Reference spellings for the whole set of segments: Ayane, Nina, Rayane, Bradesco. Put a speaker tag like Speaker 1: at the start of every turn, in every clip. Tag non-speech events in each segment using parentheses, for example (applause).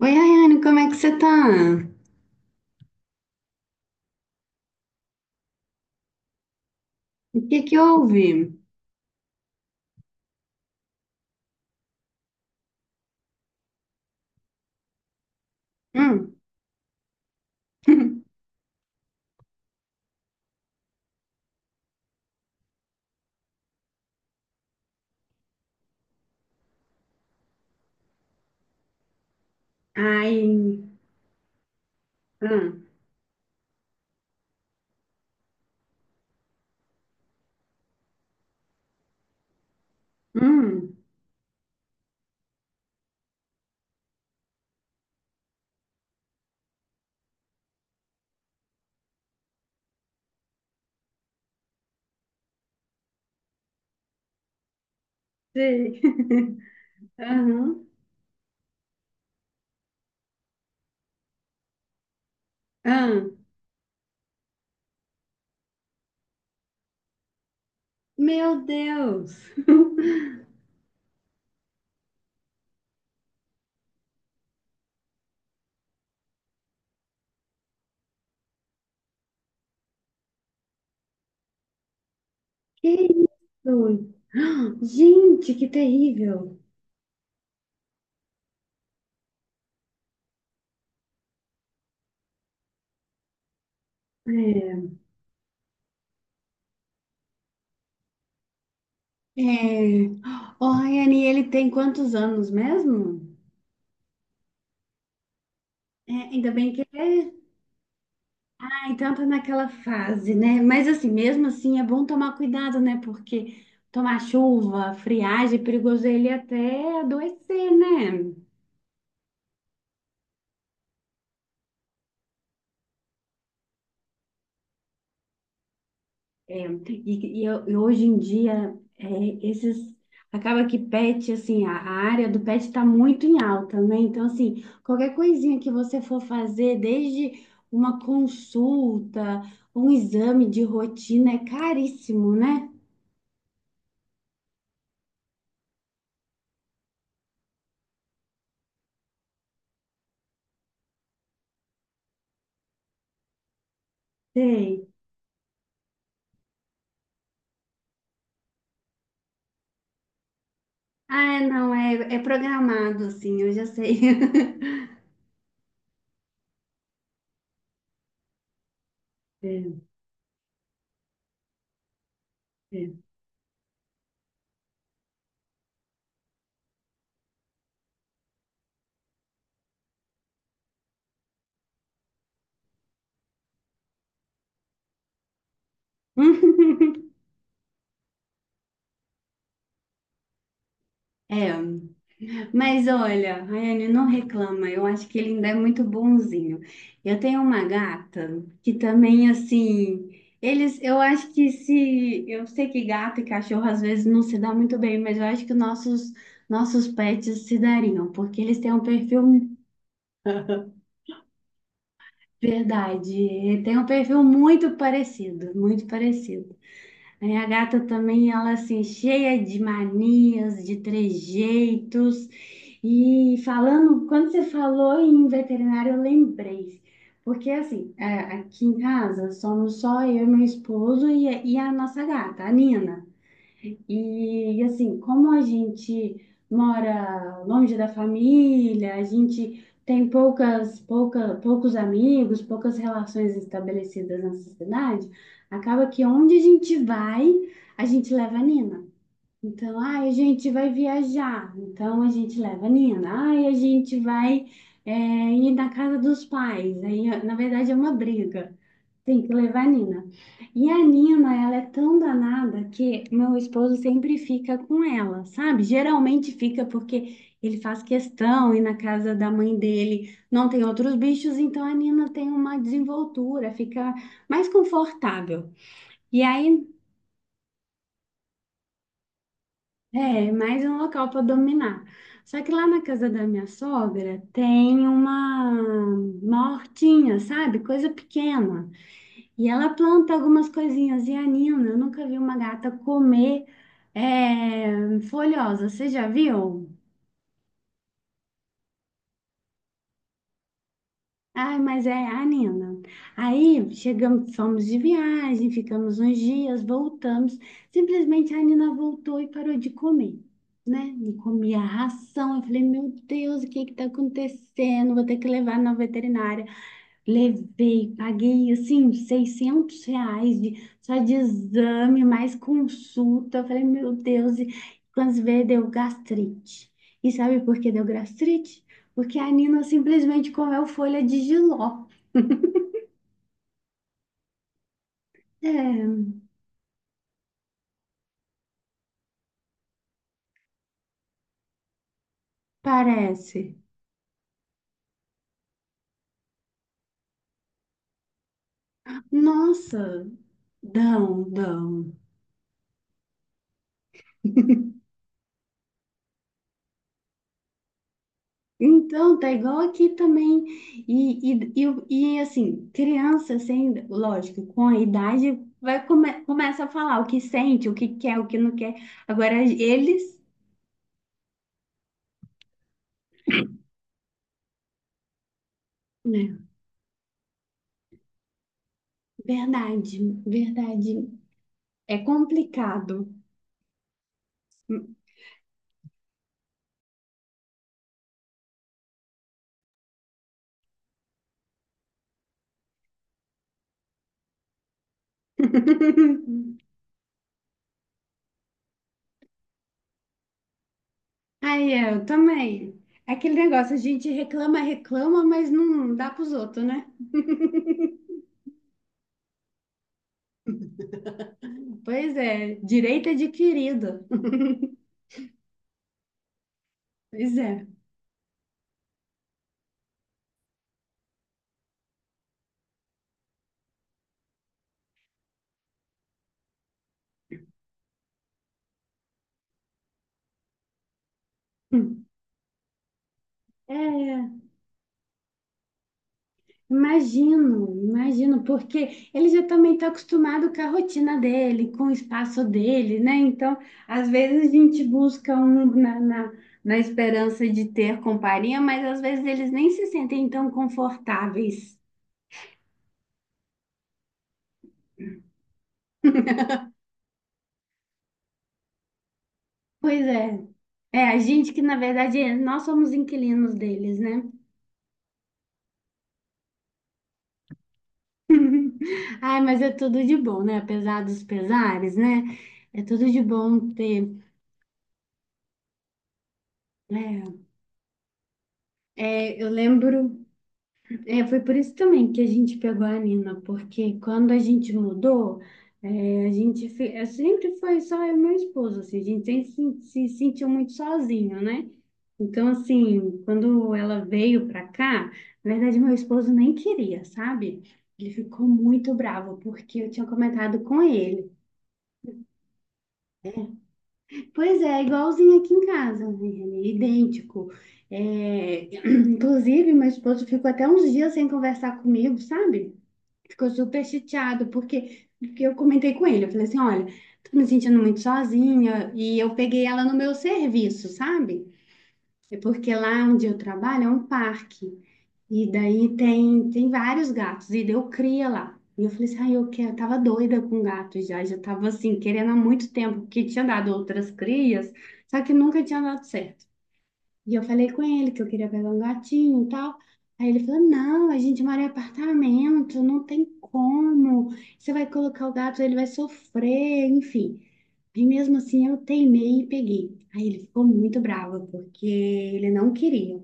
Speaker 1: Oi, Ayane, como é que você tá? O que que houve? Hum. (laughs) Ai, hum, hum, sei. (laughs) Aham, aham. Meu Deus! (laughs) Que isso? (gasps) Gente, que terrível! É, é. Ô, Ayane, ele tem quantos anos mesmo? É, ainda bem que ele é Então tá naquela fase, né? Mas assim, mesmo assim, é bom tomar cuidado, né? Porque tomar chuva, friagem, é perigoso ele até adoecer, né? É, e e hoje em dia, esses... Acaba que pet, assim, a área do pet está muito em alta, né? Então, assim, qualquer coisinha que você for fazer, desde uma consulta, um exame de rotina, é caríssimo, né? Sei. Ah, é, não, é programado, sim, eu já sei. (laughs) É, é. (laughs) É, mas olha, Rayane, não reclama, eu acho que ele ainda é muito bonzinho. Eu tenho uma gata que também, assim, eles, eu acho que se, eu sei que gato e cachorro às vezes não se dá muito bem, mas eu acho que nossos pets se dariam, porque eles têm um perfil, (laughs) verdade, tem um perfil muito parecido, muito parecido. Aí a gata também, ela assim, cheia de manias, de trejeitos. E falando, quando você falou em veterinário, eu lembrei. Porque assim, aqui em casa somos só eu, meu esposo e a nossa gata, a Nina. E, assim, como a gente mora longe da família, a gente tem poucas, pouca, poucos amigos, poucas relações estabelecidas nessa cidade, acaba que onde a gente vai, a gente leva a Nina. Então, ai, a gente vai viajar, então a gente leva a Nina. Ai, a gente vai, ir na casa dos pais. Aí, na verdade, é uma briga. Tem que levar a Nina. E a Nina, ela é tão danada que meu esposo sempre fica com ela, sabe? Geralmente fica porque ele faz questão e na casa da mãe dele não tem outros bichos, então a Nina tem uma desenvoltura, fica mais confortável. E aí é mais um local para dominar. Só que lá na casa da minha sogra tem uma hortinha, sabe? Coisa pequena. E ela planta algumas coisinhas. E a Nina, eu nunca vi uma gata comer folhosa. Você já viu? Ai, mas é a Nina. Aí chegamos, fomos de viagem, ficamos uns dias, voltamos. Simplesmente a Nina voltou e parou de comer, né? Não comia ração. Eu falei, meu Deus, o que que tá acontecendo? Vou ter que levar na veterinária. Levei, paguei assim R$ 600 de, só de exame, mais consulta. Eu falei, meu Deus, e quando se vê, deu gastrite. E sabe por que deu gastrite? Porque a Nina simplesmente comeu folha de jiló. É, parece. Nossa, dão, dão. Então, tá igual aqui também. E, assim, criança, assim, lógico, com a idade, começa a falar o que sente, o que quer, o que não quer. Agora, eles, né? Verdade, verdade. É complicado. (laughs) Aí, eu também. Aquele negócio, a gente reclama, reclama, mas não dá pros outros, né? Pois é, direito é adquirido. Pois é. É, imagino, imagino, porque ele já também está acostumado com a rotina dele, com o espaço dele, né? Então, às vezes a gente busca um na esperança de ter companhia, mas às vezes eles nem se sentem tão confortáveis. Pois é. É, a gente que, na verdade, nós somos inquilinos deles, né? Ai, mas é tudo de bom, né? Apesar dos pesares, né? É tudo de bom ter. É, é, eu lembro. É, foi por isso também que a gente pegou a Nina, porque quando a gente mudou, a gente sempre foi só eu e meu esposo, assim, a gente sempre se sentiu muito sozinho, né? Então, assim, quando ela veio pra cá, na verdade, meu esposo nem queria, sabe? Ele ficou muito bravo, porque eu tinha comentado com ele. Pois é, igualzinho aqui em casa, né? Idêntico. É, (clears throat) inclusive, meu esposo ficou até uns dias sem conversar comigo, sabe? Ficou super chateado, porque eu comentei com ele. Eu falei assim: olha, tô me sentindo muito sozinha. E eu peguei ela no meu serviço, sabe? É porque lá onde eu trabalho é um parque. E daí tem vários gatos. E eu cria lá. E eu falei assim: ai, eu quero. Eu tava doida com gato já. Já tava assim, querendo há muito tempo, porque tinha dado outras crias, só que nunca tinha dado certo. E eu falei com ele que eu queria pegar um gatinho e tal. Aí ele falou: não, a gente mora em apartamento, não tem como. Você vai colocar o gato, ele vai sofrer, enfim. Aí mesmo assim eu teimei e peguei. Aí ele ficou muito bravo, porque ele não queria.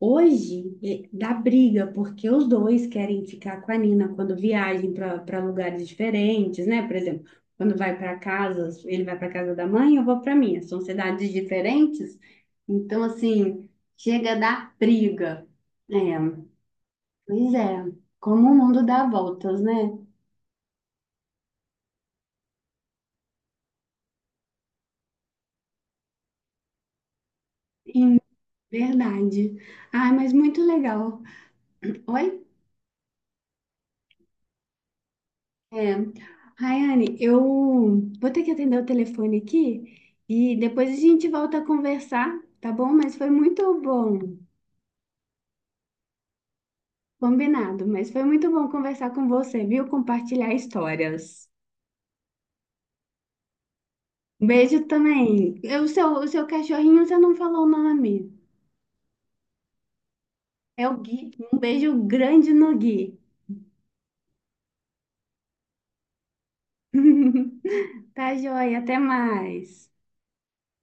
Speaker 1: Hoje dá briga, porque os dois querem ficar com a Nina quando viajam para lugares diferentes, né? Por exemplo, quando vai para casa, ele vai para casa da mãe, eu vou para minha. São cidades diferentes, então, assim, chega a dar briga. É, pois é, como o mundo dá voltas, né? Em verdade. Ai, mas muito legal. Oi? É. Rayane, eu vou ter que atender o telefone aqui e depois a gente volta a conversar, tá bom? Mas foi muito bom, combinado, mas foi muito bom conversar com você, viu? Compartilhar histórias. Um beijo também. E o seu cachorrinho, você não falou o nome. É o Gui. Um beijo grande no Gui. (laughs) Tá joia, até mais.